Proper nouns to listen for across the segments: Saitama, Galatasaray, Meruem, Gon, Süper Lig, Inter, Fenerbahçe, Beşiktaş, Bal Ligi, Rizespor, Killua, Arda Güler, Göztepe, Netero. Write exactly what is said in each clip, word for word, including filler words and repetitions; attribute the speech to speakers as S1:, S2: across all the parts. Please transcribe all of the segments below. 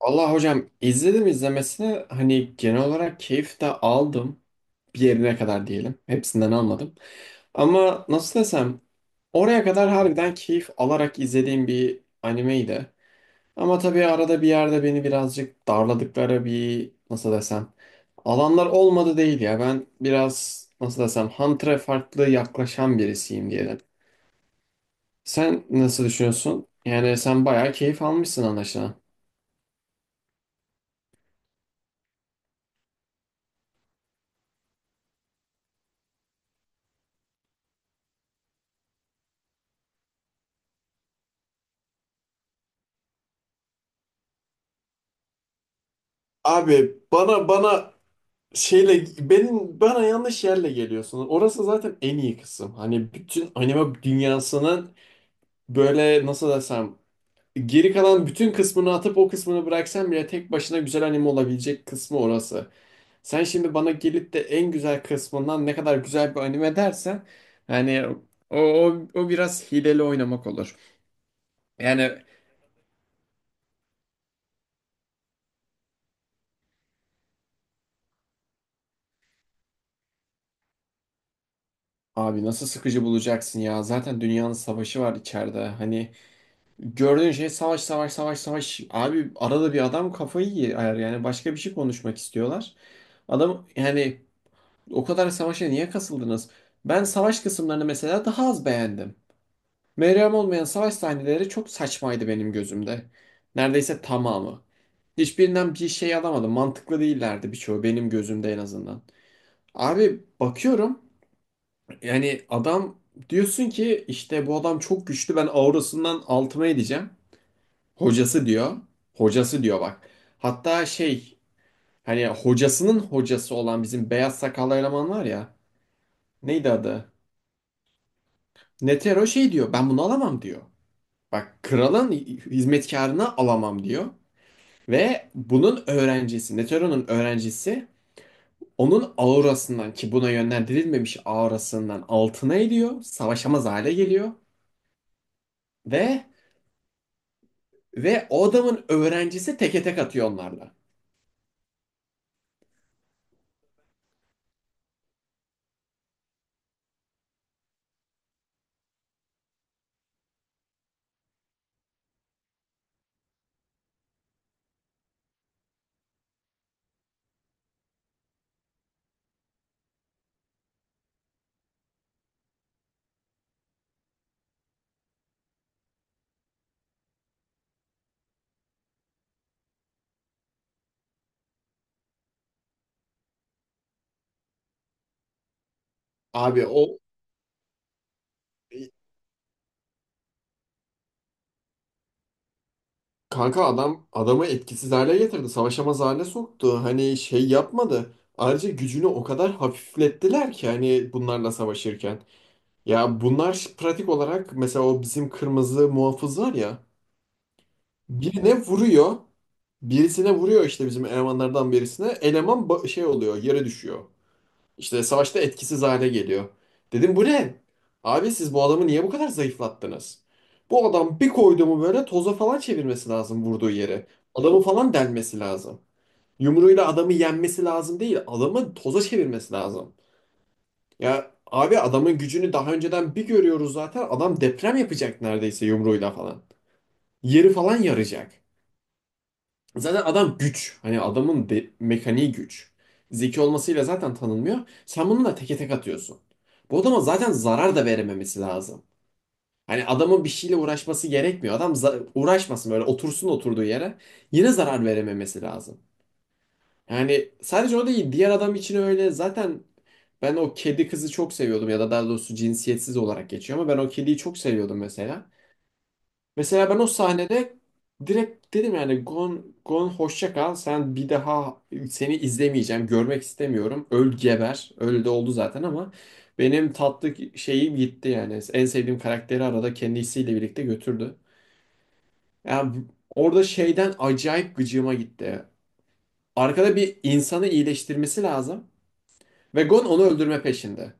S1: Allah hocam izledim izlemesine hani genel olarak keyif de aldım. Bir yerine kadar diyelim. Hepsinden almadım. Ama nasıl desem oraya kadar harbiden keyif alarak izlediğim bir animeydi. Ama tabii arada bir yerde beni birazcık darladıkları bir nasıl desem alanlar olmadı değil ya. Ben biraz nasıl desem Hunter'a farklı yaklaşan birisiyim diyelim. Sen nasıl düşünüyorsun? Yani sen bayağı keyif almışsın anlaşılan. Abi bana bana Şeyle benim bana yanlış yerle geliyorsunuz. Orası zaten en iyi kısım. Hani bütün anime dünyasının böyle nasıl desem geri kalan bütün kısmını atıp o kısmını bıraksan bile tek başına güzel anime olabilecek kısmı orası. Sen şimdi bana gelip de en güzel kısmından ne kadar güzel bir anime dersen yani o, o, o biraz hileli oynamak olur. Yani abi nasıl sıkıcı bulacaksın ya zaten dünyanın savaşı var içeride hani gördüğün şey savaş savaş savaş savaş. Abi arada bir adam kafayı yer yani başka bir şey konuşmak istiyorlar. Adam yani o kadar savaşa niye kasıldınız? Ben savaş kısımlarını mesela daha az beğendim. Meryem olmayan savaş sahneleri çok saçmaydı benim gözümde. Neredeyse tamamı. Hiçbirinden bir şey alamadım. Mantıklı değillerdi birçoğu benim gözümde en azından. Abi bakıyorum yani adam diyorsun ki işte bu adam çok güçlü ben aurasından altıma edeceğim. Hocası diyor. Hocası diyor bak. Hatta şey hani hocasının hocası olan bizim beyaz sakallı eleman var ya. Neydi adı? Netero şey diyor. Ben bunu alamam diyor. Bak kralın hizmetkarını alamam diyor. Ve bunun öğrencisi, Netero'nun öğrencisi onun aurasından ki buna yönlendirilmemiş aurasından altına ediyor. Savaşamaz hale geliyor. Ve ve o adamın öğrencisi teke tek atıyor onlarla. Abi o kanka adam adamı etkisiz hale getirdi. Savaşamaz hale soktu. Hani şey yapmadı. Ayrıca gücünü o kadar hafiflettiler ki hani bunlarla savaşırken. Ya bunlar pratik olarak mesela o bizim kırmızı muhafız var ya. Birine vuruyor. Birisine vuruyor işte bizim elemanlardan birisine. Eleman ba- şey oluyor yere düşüyor. İşte savaşta etkisiz hale geliyor. Dedim bu ne? Abi siz bu adamı niye bu kadar zayıflattınız? Bu adam bir koydu mu böyle toza falan çevirmesi lazım vurduğu yere. Adamı falan delmesi lazım. Yumruğuyla adamı yenmesi lazım değil. Adamı toza çevirmesi lazım. Ya abi adamın gücünü daha önceden bir görüyoruz zaten. Adam deprem yapacak neredeyse yumruğuyla falan. Yeri falan yaracak. Zaten adam güç. Hani adamın de, mekaniği güç. Zeki olmasıyla zaten tanınmıyor. Sen bunu da teke tek atıyorsun. Bu adama zaten zarar da verememesi lazım. Hani adamın bir şeyle uğraşması gerekmiyor. Adam za- uğraşmasın böyle otursun oturduğu yere. Yine zarar verememesi lazım. Yani sadece o değil. Diğer adam için öyle. Zaten ben o kedi kızı çok seviyordum ya da daha doğrusu cinsiyetsiz olarak geçiyor ama ben o kediyi çok seviyordum mesela. Mesela ben o sahnede direkt dedim yani Gon, Gon hoşça kal. Sen bir daha seni izlemeyeceğim. Görmek istemiyorum. Öl geber. Öyle de oldu zaten ama benim tatlı şeyim gitti yani. En sevdiğim karakteri arada kendisiyle birlikte götürdü. Yani orada şeyden acayip gıcığıma gitti. Arkada bir insanı iyileştirmesi lazım. Ve Gon onu öldürme peşinde.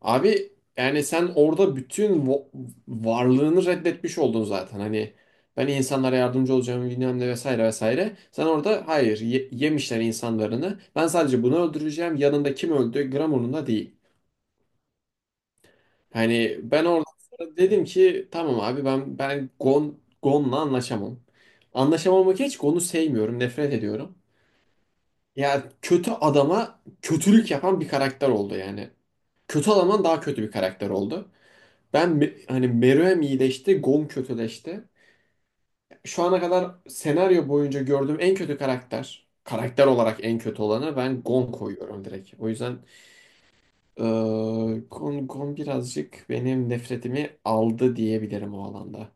S1: Abi yani sen orada bütün va- varlığını reddetmiş oldun zaten. Hani ben insanlara yardımcı olacağım bilmem ne vesaire vesaire. Sen orada hayır ye- yemişler insanlarını. Ben sadece bunu öldüreceğim. Yanında kim öldü gram umurumda değil. Hani ben orada sonra dedim ki tamam abi ben ben Gon Gon'la anlaşamam. Anlaşamamak hiç Gon'u sevmiyorum, nefret ediyorum. Ya kötü adama kötülük yapan bir karakter oldu yani. Kötü adamdan daha kötü bir karakter oldu. Ben me- hani Meruem iyileşti, Gon kötüleşti. Şu ana kadar senaryo boyunca gördüğüm en kötü karakter, karakter olarak en kötü olanı ben Gon koyuyorum direkt. O yüzden eee, Gon, Gon birazcık benim nefretimi aldı diyebilirim o alanda.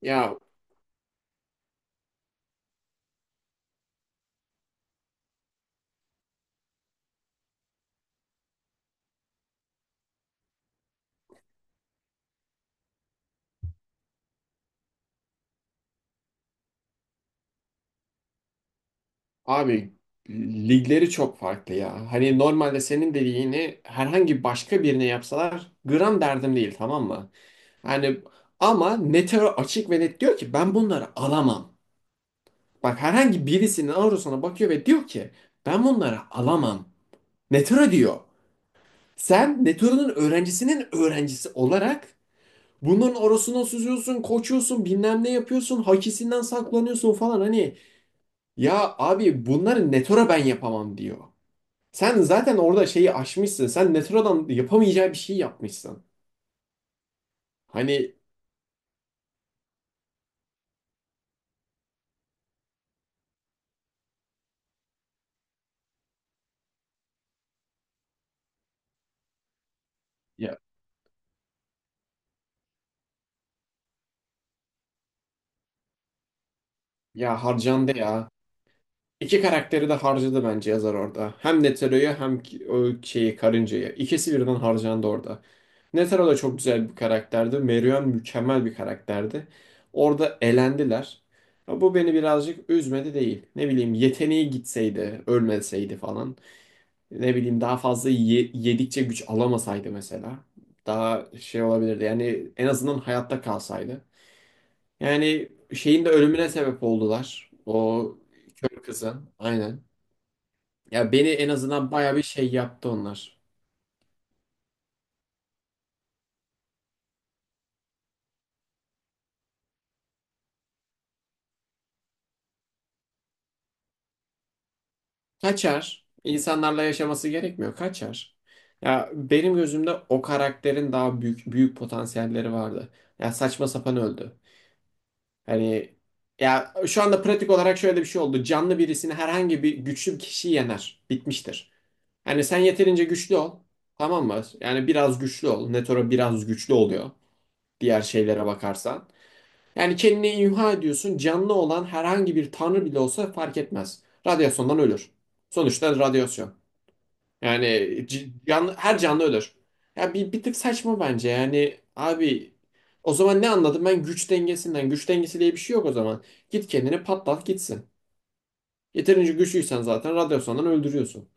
S1: Ya abi ligleri çok farklı ya. Hani normalde senin dediğini herhangi başka birine yapsalar gram derdim değil tamam mı? Yani ama Netero açık ve net diyor ki ben bunları alamam. Bak herhangi birisinin Auros'una bakıyor ve diyor ki ben bunları alamam. Netero diyor. Sen Netero'nun öğrencisinin öğrencisi olarak bunların orasına süzüyorsun, koçuyorsun, bilmem ne yapıyorsun, hakisinden saklanıyorsun falan hani. Ya abi bunları Netero ben yapamam diyor. Sen zaten orada şeyi aşmışsın. Sen Netero'dan yapamayacağı bir şey yapmışsın. Hani ya, ya harcandı ya. İki karakteri de harcadı bence yazar orada. Hem Netero'yu hem ki- o şeyi karıncayı. İkisi birden harcandı orada. Netero da çok güzel bir karakterdi. Merion mükemmel bir karakterdi. Orada elendiler. Ya bu beni birazcık üzmedi değil. Ne bileyim yeteneği gitseydi, ölmeseydi falan. Ne bileyim daha fazla ye- yedikçe güç alamasaydı mesela. Daha şey olabilirdi. Yani en azından hayatta kalsaydı. Yani şeyin de ölümüne sebep oldular. O kör kızın. Aynen. Ya beni en azından baya bir şey yaptı onlar. Kaçar. İnsanlarla yaşaması gerekmiyor. Kaçar. Ya benim gözümde o karakterin daha büyük büyük potansiyelleri vardı. Ya saçma sapan öldü. Hani ya şu anda pratik olarak şöyle bir şey oldu. Canlı birisini herhangi bir güçlü bir kişi yener. Bitmiştir. Yani sen yeterince güçlü ol. Tamam mı? Yani biraz güçlü ol. Netoro biraz güçlü oluyor. Diğer şeylere bakarsan. Yani kendini imha ediyorsun. Canlı olan herhangi bir tanrı bile olsa fark etmez. Radyasyondan ölür. Sonuçta radyasyon. Yani c- canlı, her canlı ölür. Ya bir, bir tık saçma bence. Yani abi o zaman ne anladım ben güç dengesinden. Güç dengesi diye bir şey yok o zaman. Git kendini patlat gitsin. Yeterince güçlüysen zaten radyasyondan öldürüyorsun.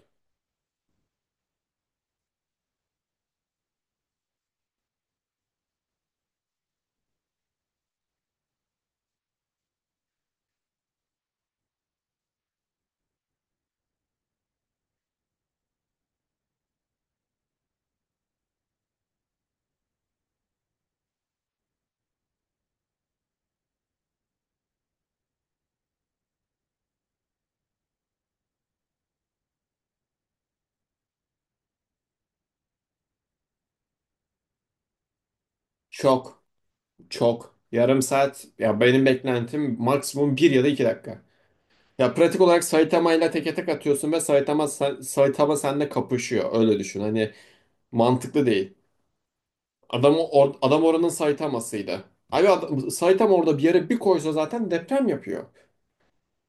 S1: Çok, çok. Yarım saat. Ya benim beklentim maksimum bir ya da iki dakika. Ya pratik olarak Saitama ile teke tek atıyorsun ve Saitama Saitama seninle kapışıyor. Öyle düşün. Hani mantıklı değil. Adam or, adam oranın Saitamasıydı. Abi adam, Saitama orada bir yere bir koysa zaten deprem yapıyor.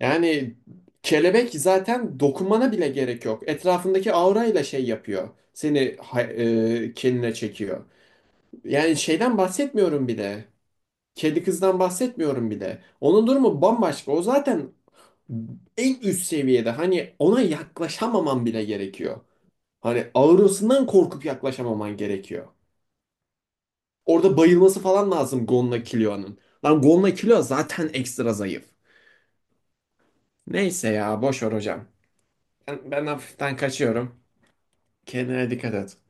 S1: Yani kelebek zaten dokunmana bile gerek yok. Etrafındaki aura ile şey yapıyor. Seni ha- e, kendine çekiyor. Yani şeyden bahsetmiyorum bile. Kedi kızdan bahsetmiyorum bile. Onun durumu bambaşka. O zaten en üst seviyede hani ona yaklaşamaman bile gerekiyor. Hani ağrısından korkup yaklaşamaman gerekiyor. Orada bayılması falan lazım Gonla Killua'nın. Lan Gonla Killua zaten ekstra zayıf. Neyse ya boş ver hocam. Ben, ben hafiften kaçıyorum. Kendine dikkat et.